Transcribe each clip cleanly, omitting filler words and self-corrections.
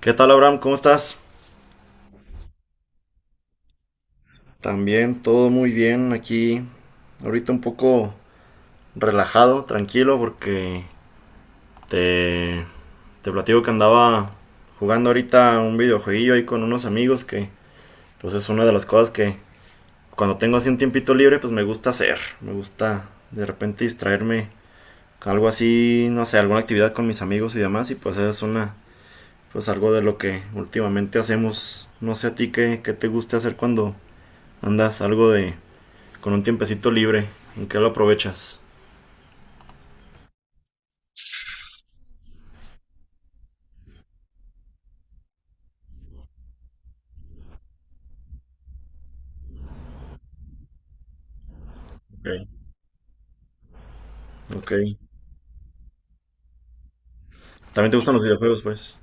¿Qué tal, Abraham? ¿Cómo estás? También todo muy bien aquí. Ahorita un poco relajado, tranquilo, porque te, te platico que andaba jugando ahorita un videojueguillo ahí con unos amigos que pues es una de las cosas que cuando tengo así un tiempito libre pues me gusta hacer. Me gusta de repente distraerme con algo así, no sé, alguna actividad con mis amigos y demás, y pues es una pues algo de lo que últimamente hacemos. No sé a ti qué te gusta hacer cuando andas algo de con un tiempecito libre. ¿En qué lo aprovechas? Ok, ok. ¿También te gustan los videojuegos, pues?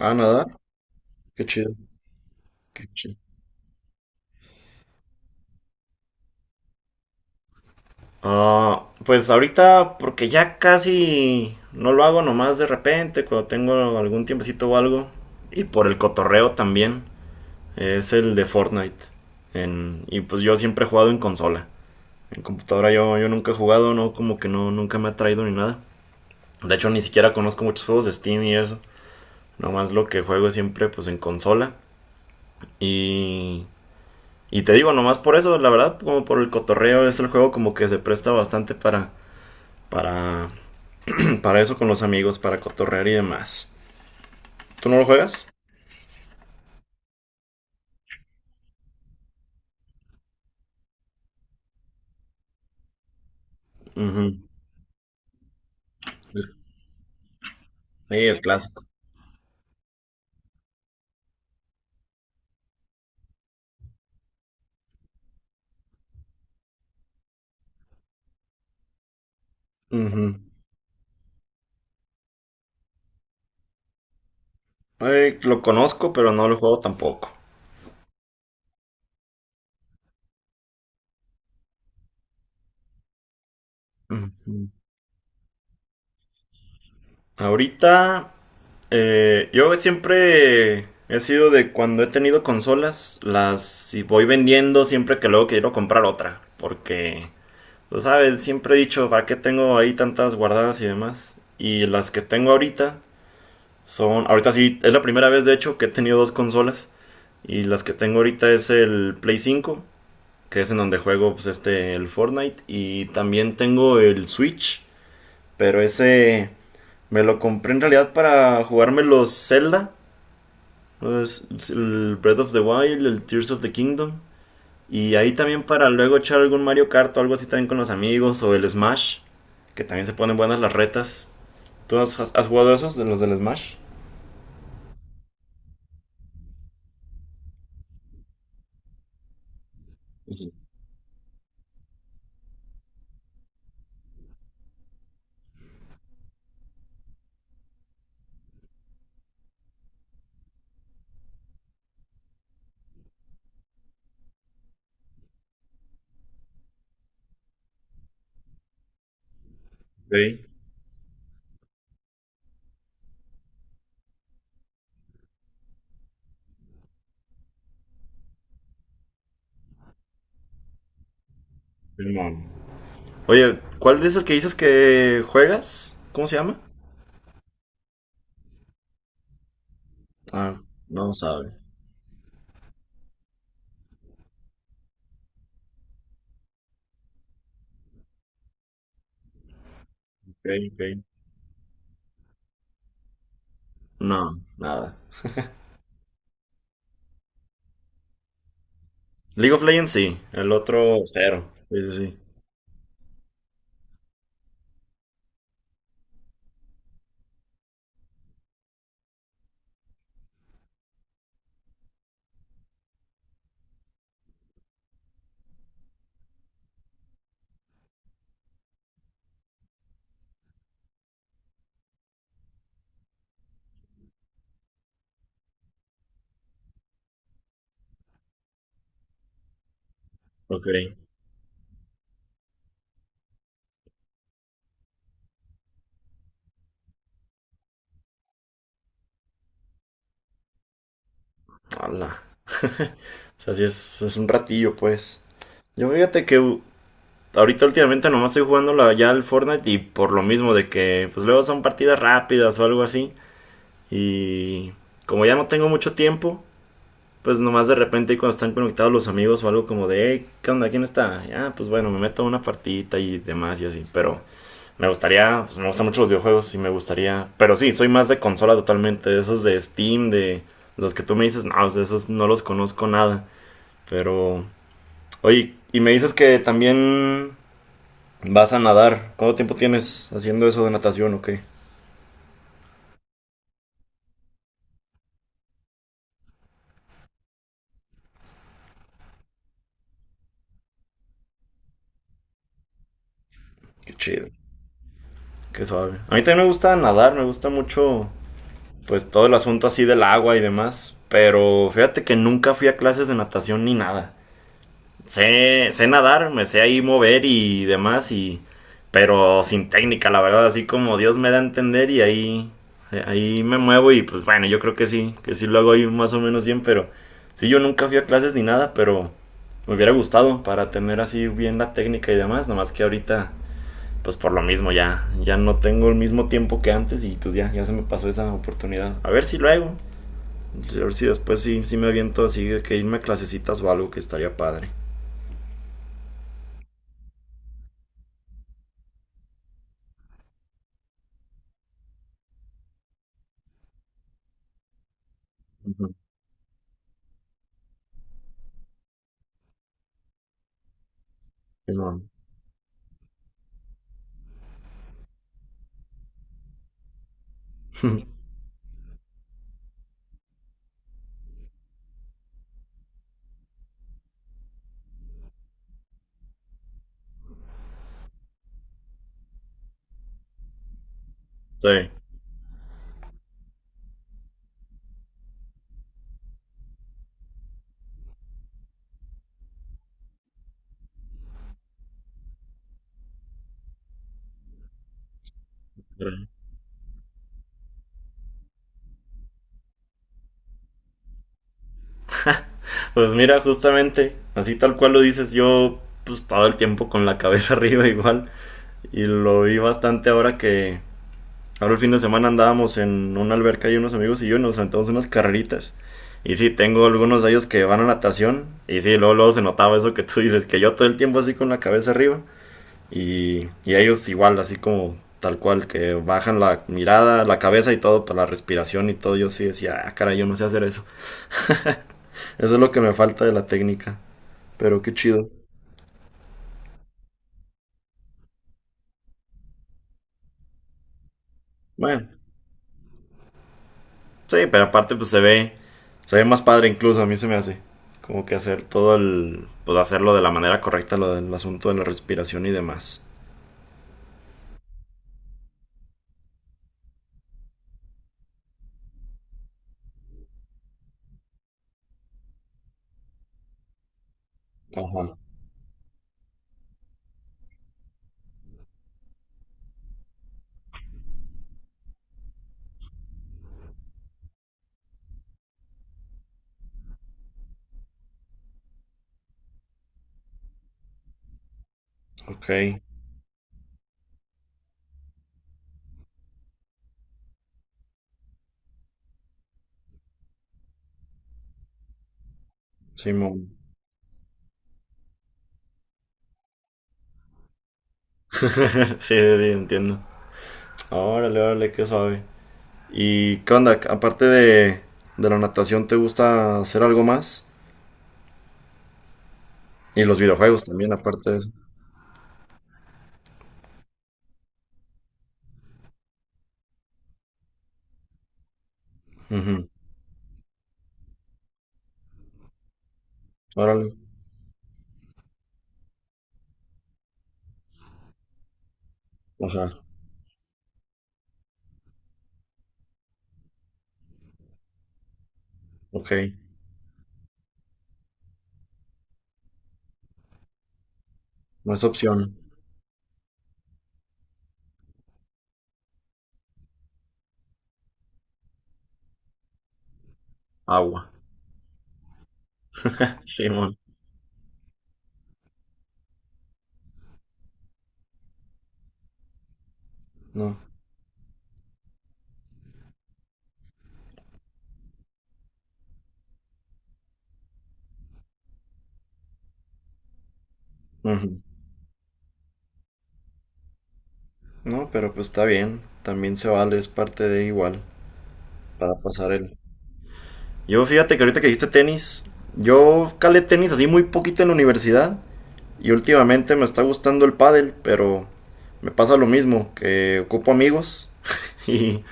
Ah, nadar. Qué chido, qué chido. Ah, pues ahorita, porque ya casi no lo hago, nomás de repente, cuando tengo algún tiempecito o algo. Y por el cotorreo también, es el de Fortnite. Y pues yo siempre he jugado en consola. En computadora yo nunca he jugado. No, como que no, nunca me ha traído ni nada. De hecho, ni siquiera conozco muchos juegos de Steam y eso. Nomás lo que juego siempre, pues en consola. Y, y te digo, nomás por eso, la verdad, como por el cotorreo, es el juego como que se presta bastante para, para eso con los amigos, para cotorrear y demás. ¿Tú no lo juegas? Ujú. Sí, el clásico. Ujú. Ay, lo conozco, pero no lo juego tampoco. Ujú. Ahorita, yo siempre he sido de cuando he tenido consolas, las y voy vendiendo siempre que luego quiero comprar otra, porque lo sabes, siempre he dicho, ¿para qué tengo ahí tantas guardadas y demás? Y las que tengo ahorita son, ahorita sí, es la primera vez de hecho que he tenido dos consolas. Y las que tengo ahorita es el Play 5, que es en donde juego pues este, el Fortnite. Y también tengo el Switch, pero ese me lo compré en realidad para jugarme los Zelda, el Breath of the Wild, el Tears of the Kingdom. Y ahí también para luego echar algún Mario Kart o algo así también con los amigos, o el Smash, que también se ponen buenas las retas. ¿Tú has jugado esos de los del Smash? Sí, Simón. Oye, ¿cuál es el que dices que juegas? ¿Cómo se llama? Ah, no sabe. Ok, ok. No, nada. League of Legends sí, el otro cero. Sí, sí, sí. Ok. Ala. O sea, sí es un ratillo, pues. Yo fíjate que ahorita últimamente nomás estoy jugando ya el Fortnite, y por lo mismo de que pues luego son partidas rápidas o algo así, y como ya no tengo mucho tiempo, pues nomás de repente cuando están conectados los amigos o algo, como de: hey, ¿qué onda? ¿Quién está? Ah, pues bueno, me meto a una partidita y demás, y así. Pero me gustaría, pues me gustan mucho los videojuegos y me gustaría, pero sí soy más de consola totalmente. De esos de Steam, de los que tú me dices, no pues, de esos no los conozco nada. Pero oye, y me dices que también vas a nadar. ¿Cuánto tiempo tienes haciendo eso de natación o qué? Qué chido, qué suave. A mí también me gusta nadar, me gusta mucho pues todo el asunto así del agua y demás. Pero fíjate que nunca fui a clases de natación ni nada. Sé nadar, me sé ahí mover y demás, pero sin técnica, la verdad, así como Dios me da a entender, y ahí me muevo y pues bueno, yo creo que sí lo hago ahí más o menos bien, pero sí, yo nunca fui a clases ni nada, pero me hubiera gustado para tener así bien la técnica y demás. Nomás que ahorita pues por lo mismo ya, ya no tengo el mismo tiempo que antes, y pues ya, ya se me pasó esa oportunidad. A ver si lo hago, a ver si después sí, sí me aviento así de que irme a clasecitas o algo, que estaría padre. Uh -huh. Simón. Sí. Pues mira, justamente, así tal cual lo dices, yo pues todo el tiempo con la cabeza arriba igual. Y lo vi bastante ahora que, ahora el fin de semana andábamos en una alberca, y unos amigos y yo, y nos aventamos unas carreritas. Y sí, tengo algunos de ellos que van a natación. Y sí, luego, luego se notaba eso que tú dices, que yo todo el tiempo así con la cabeza arriba. Y ellos igual, así como tal cual, que bajan la mirada, la cabeza y todo, para la respiración y todo. Yo sí decía, ah, cara, yo no sé hacer eso. Eso es lo que me falta de la técnica. Pero qué chido. Bueno, sí, pero aparte pues se ve más padre incluso, a mí se me hace. Como que hacer pues hacerlo de la manera correcta, lo del asunto de la respiración y demás. Ajá. Ok. Simón. Sí, sí, sí, entiendo. Órale, órale, qué suave. ¿Y qué onda? Aparte de la natación, ¿te gusta hacer algo más? Y los videojuegos también, aparte de eso. Ujú. Órale. Ajá. Ok. No es opción. Agua. Simón. No. Ujú. No, pero pues está bien. También se vale, es parte de igual, para pasar el. Yo fíjate que ahorita que dijiste tenis, yo calé tenis así muy poquito en la universidad, y últimamente me está gustando el pádel, pero me pasa lo mismo, que ocupo amigos y,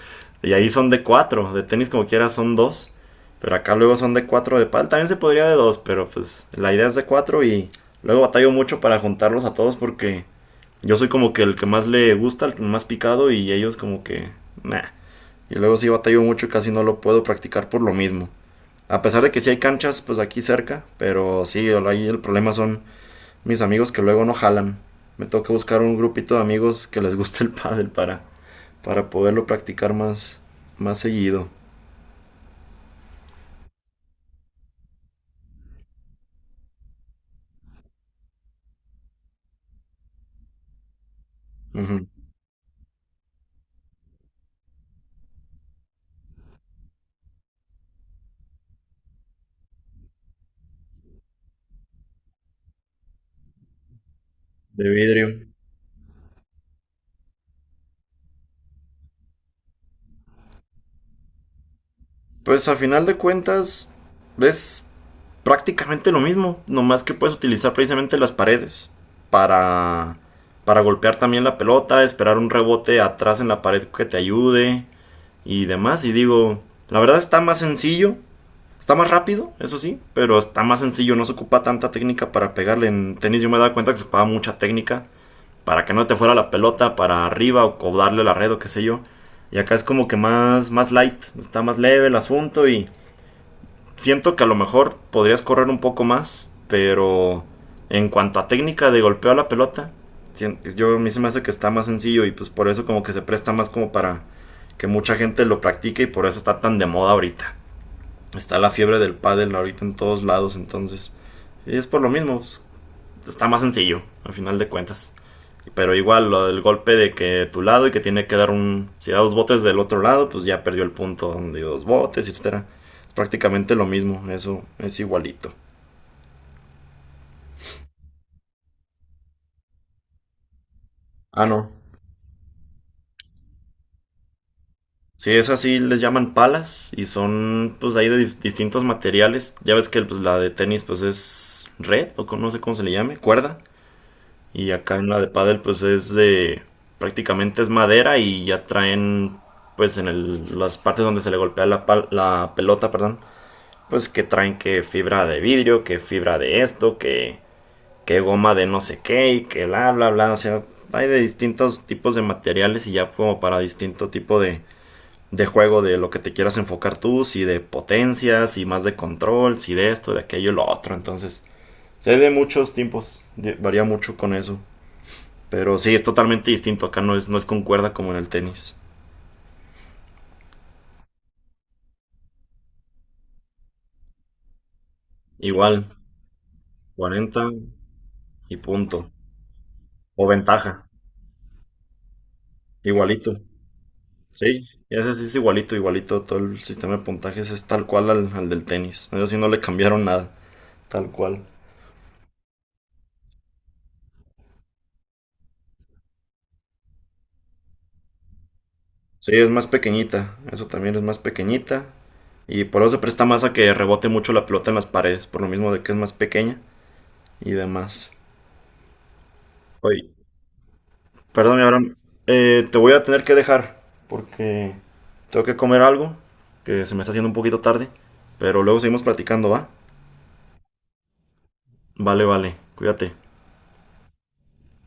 y ahí son de cuatro, de tenis como quiera son dos, pero acá luego son de cuatro de pádel, también se podría de dos, pero pues la idea es de cuatro, y luego batallo mucho para juntarlos a todos, porque yo soy como que el que más le gusta, el más picado, y ellos como que. Nah. Y luego sí batallo mucho, casi no lo puedo practicar por lo mismo. A pesar de que sí hay canchas pues aquí cerca, pero sí, ahí el problema son mis amigos, que luego no jalan. Me toca buscar un grupito de amigos que les guste el pádel para, poderlo practicar más, más seguido. Uh -huh. De vidrio. Pues a final de cuentas, ves prácticamente lo mismo, nomás que puedes utilizar precisamente las paredes para, para golpear también la pelota, esperar un rebote atrás en la pared que te ayude y demás. Y digo, la verdad está más sencillo, está más rápido, eso sí, pero está más sencillo, no se ocupa tanta técnica para pegarle. En tenis yo me he dado cuenta que se ocupaba mucha técnica para que no te fuera la pelota para arriba, o darle la red o qué sé yo. Y acá es como que más, más light, está más leve el asunto, y siento que a lo mejor podrías correr un poco más, pero en cuanto a técnica de golpeo a la pelota, yo a mí se me hace que está más sencillo, y pues por eso como que se presta más como para que mucha gente lo practique, y por eso está tan de moda ahorita. Está la fiebre del pádel ahorita en todos lados, y es por lo mismo, pues, está más sencillo al final de cuentas. Pero igual, lo del golpe de que tu lado y que tiene que dar un. Si da dos botes del otro lado, pues ya perdió el punto donde dio dos botes, etcétera. Es prácticamente lo mismo, eso es igualito. Ah, no. Sí, es así, les llaman palas, y son pues ahí de distintos materiales. Ya ves que pues la de tenis pues es red o no sé cómo se le llame, cuerda. Y acá en la de pádel pues es de prácticamente es madera, y ya traen pues en las partes donde se le golpea la pelota, perdón, pues que traen que fibra de vidrio, que fibra de esto, que goma de no sé qué, y que bla, bla, bla. O sea, hay de distintos tipos de materiales, y ya como para distinto tipo de juego, de lo que te quieras enfocar tú, si de potencias, si más de control, si de esto, de aquello, lo otro. Entonces, o sea, hay de muchos tipos, varía mucho con eso. Pero sí, es totalmente distinto. Acá no es con cuerda como en el tenis. Igual, 40 y punto. O ventaja, igualito. Sí, y ese sí es igualito, igualito. Todo el sistema de puntajes es tal cual al del tenis. Eso sí no le cambiaron nada. Tal cual. Sí, es más pequeñita. Eso también es más pequeñita. Y por eso se presta más a que rebote mucho la pelota en las paredes. Por lo mismo de que es más pequeña y demás. Oye, perdón, Abraham, te voy a tener que dejar. Porque tengo que comer algo. Que se me está haciendo un poquito tarde. Pero luego seguimos platicando, ¿va? Vale, vale. Cuídate.